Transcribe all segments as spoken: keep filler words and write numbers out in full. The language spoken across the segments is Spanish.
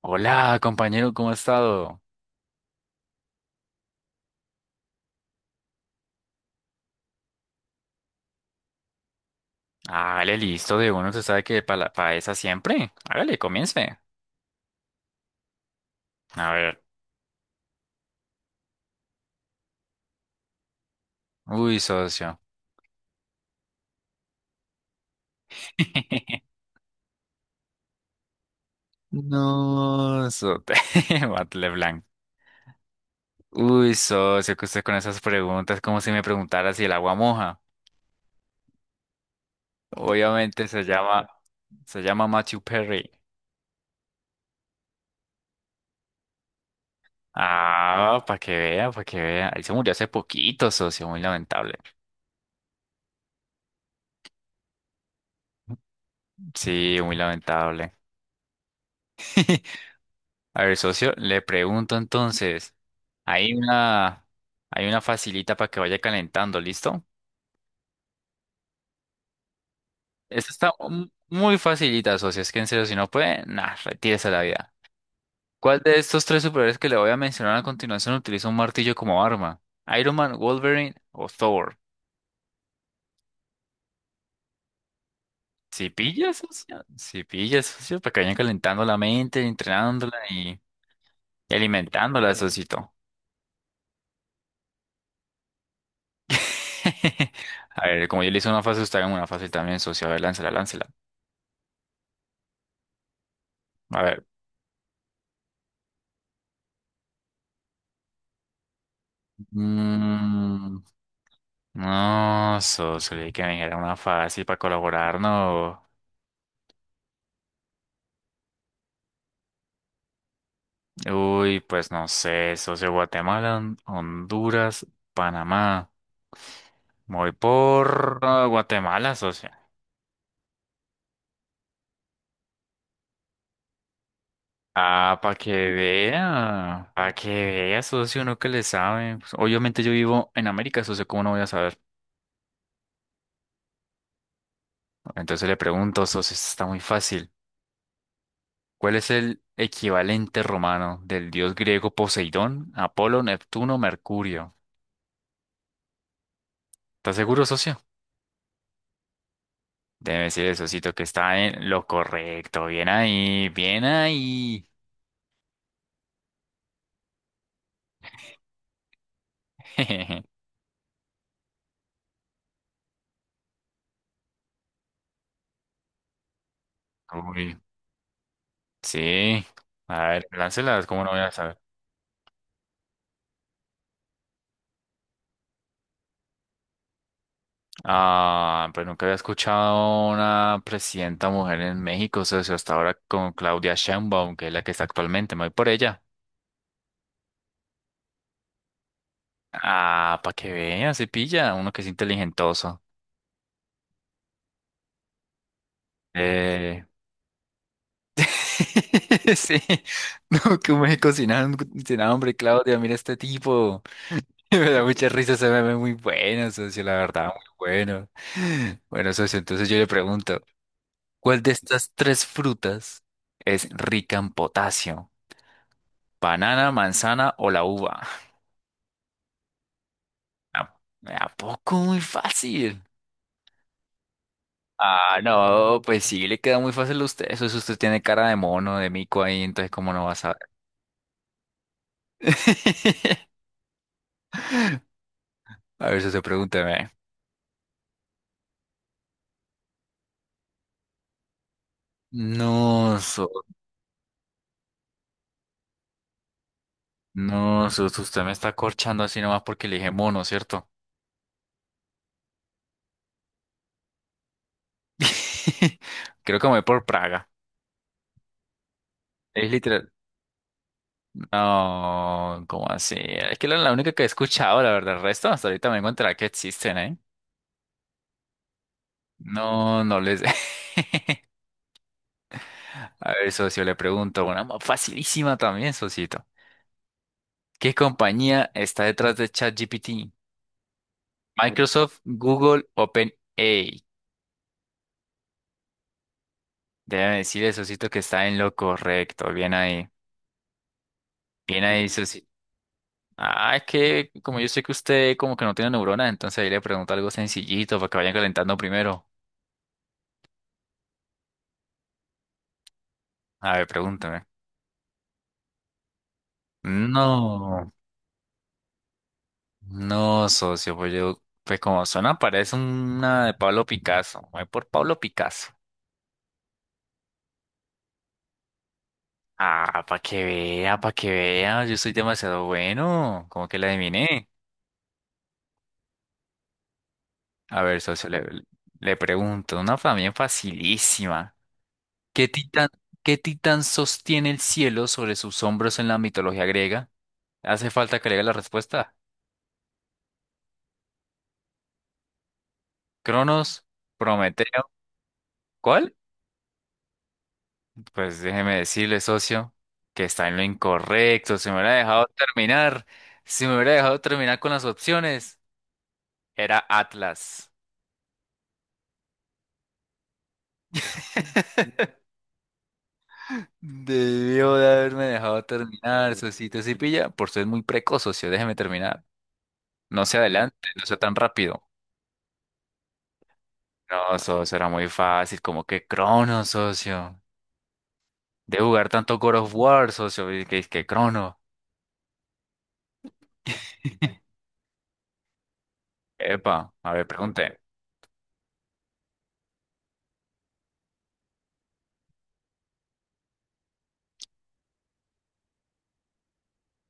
Hola, compañero, ¿cómo ha estado? Hágale listo de uno, se sabe que para esa siempre. Hágale, comience. A ver. Uy, socio. No, sote. Batle blanc. Uy, socio, que usted con esas preguntas, como si me preguntara si el agua moja. Obviamente se llama, se llama Matthew Perry. Ah, para que vea, para que vea. Él se murió hace poquito, socio, muy lamentable. Sí, muy lamentable. A ver, socio, le pregunto entonces. Hay una, hay una facilita para que vaya calentando, ¿listo? Esta está mu- muy facilita, socio. Es que en serio, si no puede, nah, retírese a la vida. ¿Cuál de estos tres superhéroes que le voy a mencionar a continuación utiliza un martillo como arma? ¿Iron Man, Wolverine o Thor? Si pillas, socio. Si pillas, socio, para que vayan calentando la mente, entrenándola y y alimentándola, socito. A ver, como yo le hice una fase, usted haga una fase también, socio. A ver, láncela, láncela. A ver. Mm, no, socio, le dije que me dijera una fácil para colaborar, no. Uy, pues no sé, socio, Guatemala, Hon- Honduras, Panamá. Me voy por ah, Guatemala, socio. Ah, para que vea, para que vea, socio, uno que le sabe. Pues, obviamente yo vivo en América, socio, ¿cómo no voy a saber? Entonces le pregunto, socio, esto está muy fácil. ¿Cuál es el equivalente romano del dios griego Poseidón, Apolo, Neptuno, Mercurio? ¿Estás seguro, socio? Debe decir el socito que está en lo correcto. Bien ahí, bien ahí. Uy, sí. A ver, láncelas, ¿cómo no voy a saber? Ah, pues nunca había escuchado una presidenta mujer en México, socio, hasta ahora con Claudia Sheinbaum, que es la que está actualmente. Me voy por ella. Ah, para que vean, se pilla, uno que es inteligentoso. Eh, Sí, no, que me cocinaron sin hambre, Claudia, mira este tipo. Me da mucha risa ese ve muy bueno, socio, la verdad, muy bueno. Bueno, socio, entonces yo le pregunto, ¿cuál de estas tres frutas es rica en potasio? ¿Banana, manzana o la uva? ¿A, a poco muy fácil? Ah, no, pues sí, le queda muy fácil a usted. Eso es usted tiene cara de mono, de mico ahí, entonces ¿cómo no va a saber? A ver, socio, pregúnteme. No, so, no, sos, usted me está corchando así nomás porque le dije mono, ¿cierto? Creo que me voy por Praga. Es literal. No, ¿cómo así? Es que la la única que he escuchado, la verdad. El resto hasta ahorita me encontrará que existen, ¿eh? No, no les. A ver, socio, le pregunto una más facilísima también, socito. ¿Qué compañía está detrás de ChatGPT? Microsoft, Google, OpenAI. Déjame decirle, socito, que está en lo correcto. Bien ahí. Bien ahí, ah, es que como yo sé que usted como que no tiene neuronas, entonces ahí le pregunto algo sencillito para que vayan calentando primero. A ver, pregúntame. No, no, socio, pues yo, pues como suena, parece una de Pablo Picasso. Voy por Pablo Picasso. Ah, para que vea, para que vea, yo soy demasiado bueno, como que la adiviné. A ver, socio, le, le pregunto, una también facilísima. ¿Qué titán, qué titán sostiene el cielo sobre sus hombros en la mitología griega? Hace falta que le diga la respuesta. Cronos, Prometeo. ¿Cuál? Pues déjeme decirle, socio, que está en lo incorrecto. Si me hubiera dejado terminar, si me hubiera dejado terminar con las opciones, era Atlas. Debió de haberme dejado terminar, socito. Si pilla, por ser muy precoz, socio, déjeme terminar. No se adelante, no sea tan rápido. No, socio, era muy fácil, como que Crono, socio. De jugar tanto God of War, socio, y que, que Crono. Epa, a ver, pregunte.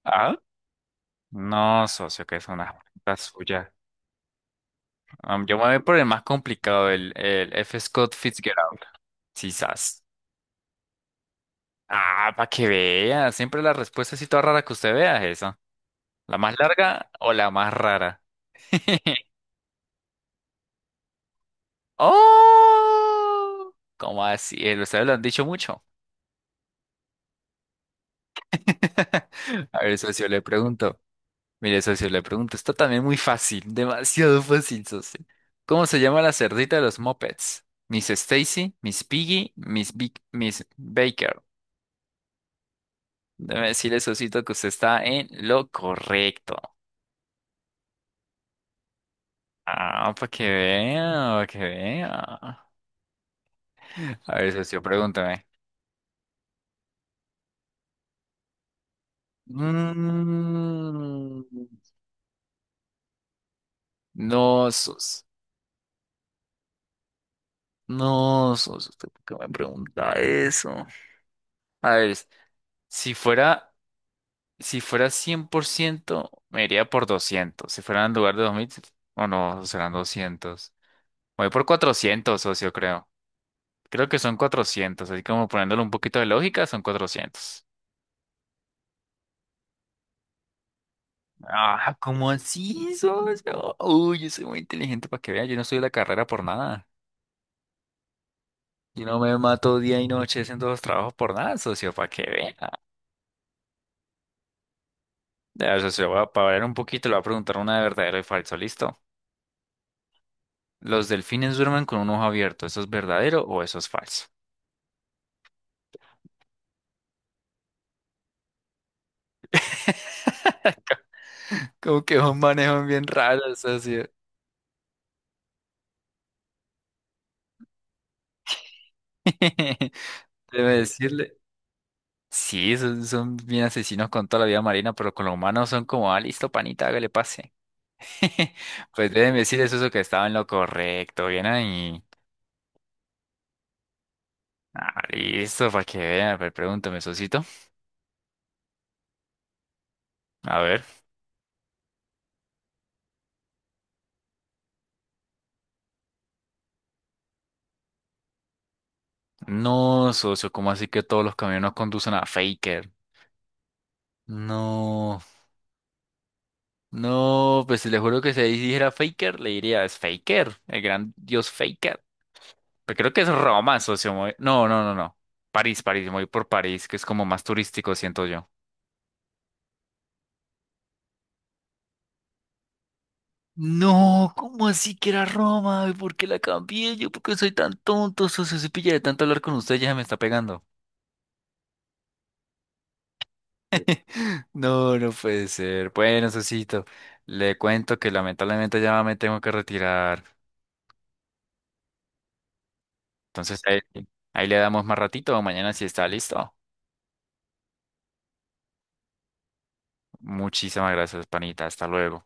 ¿Ah? No, socio, que es una pregunta suya. Am, yo me voy por el más complicado, el, el F. Scott Fitzgerald. Quizás. Ah, para que vea. Siempre la respuesta así toda rara que usted vea es esa. ¿La más larga o la más rara? ¡Oh! ¿Cómo así? Eh, Ustedes lo han dicho mucho. A ver, socio, le pregunto. Mire, socio, le pregunto, está también muy fácil, demasiado fácil, socio. ¿Cómo se llama la cerdita de los Muppets? Miss Stacy, Miss Piggy, Miss Bic- Miss Baker. Debe decirle, socito, que usted está en lo correcto. Ah, para que vea, para que vea. A ver, socio, pregúntame. Mm, no, sos, no, sos, ¿usted por qué me pregunta eso? A ver, si fuera Si fuera cien por ciento, me iría por doscientos. Si fuera en lugar de dos mil, o no, serán doscientos. Voy por cuatrocientos, socio, creo. Creo que son cuatrocientos, así como poniéndole un poquito de lógica, son cuatrocientos. Ah, ¿cómo así, socio? Uy, yo soy muy inteligente para que vean, yo no estudio la carrera por nada. Yo no me mato día y noche haciendo los trabajos por nada, socio, para que vean. Ya, socio, va- para variar un poquito, le voy a preguntar una de verdadero y falso, ¿listo? ¿Los delfines duermen con un ojo abierto? ¿Eso es verdadero o eso es falso? Como que un manejan bien raro, socio. Debe decirle. Sí, son, son bien asesinos con toda la vida marina, pero con los humanos son como, ah, listo, panita, que le pase. Pues deben decir eso, eso que estaba en lo correcto, bien ahí. Ah, listo, para que vean. A ver, pregúntame, socito. A ver. No, socio, ¿cómo así que todos los camiones conducen a Faker? No, no, pues le juro que si dijera Faker, le diría, es Faker, el gran dios Faker. Pero creo que es Roma, socio. me voy- No, no, no, no. París, París, me voy por París, que es como más turístico, siento yo. No, ¿cómo así que era Roma? ¿Y ¿Por qué la cambié? Yo, ¿por qué soy tan tonto, socio? Se pilla de tanto hablar con usted, ya se me está pegando. No, no puede ser. Bueno, sosito, le cuento que lamentablemente ya me tengo que retirar. Entonces ahí, ahí le damos más ratito, mañana si está listo. Muchísimas gracias, panita. Hasta luego.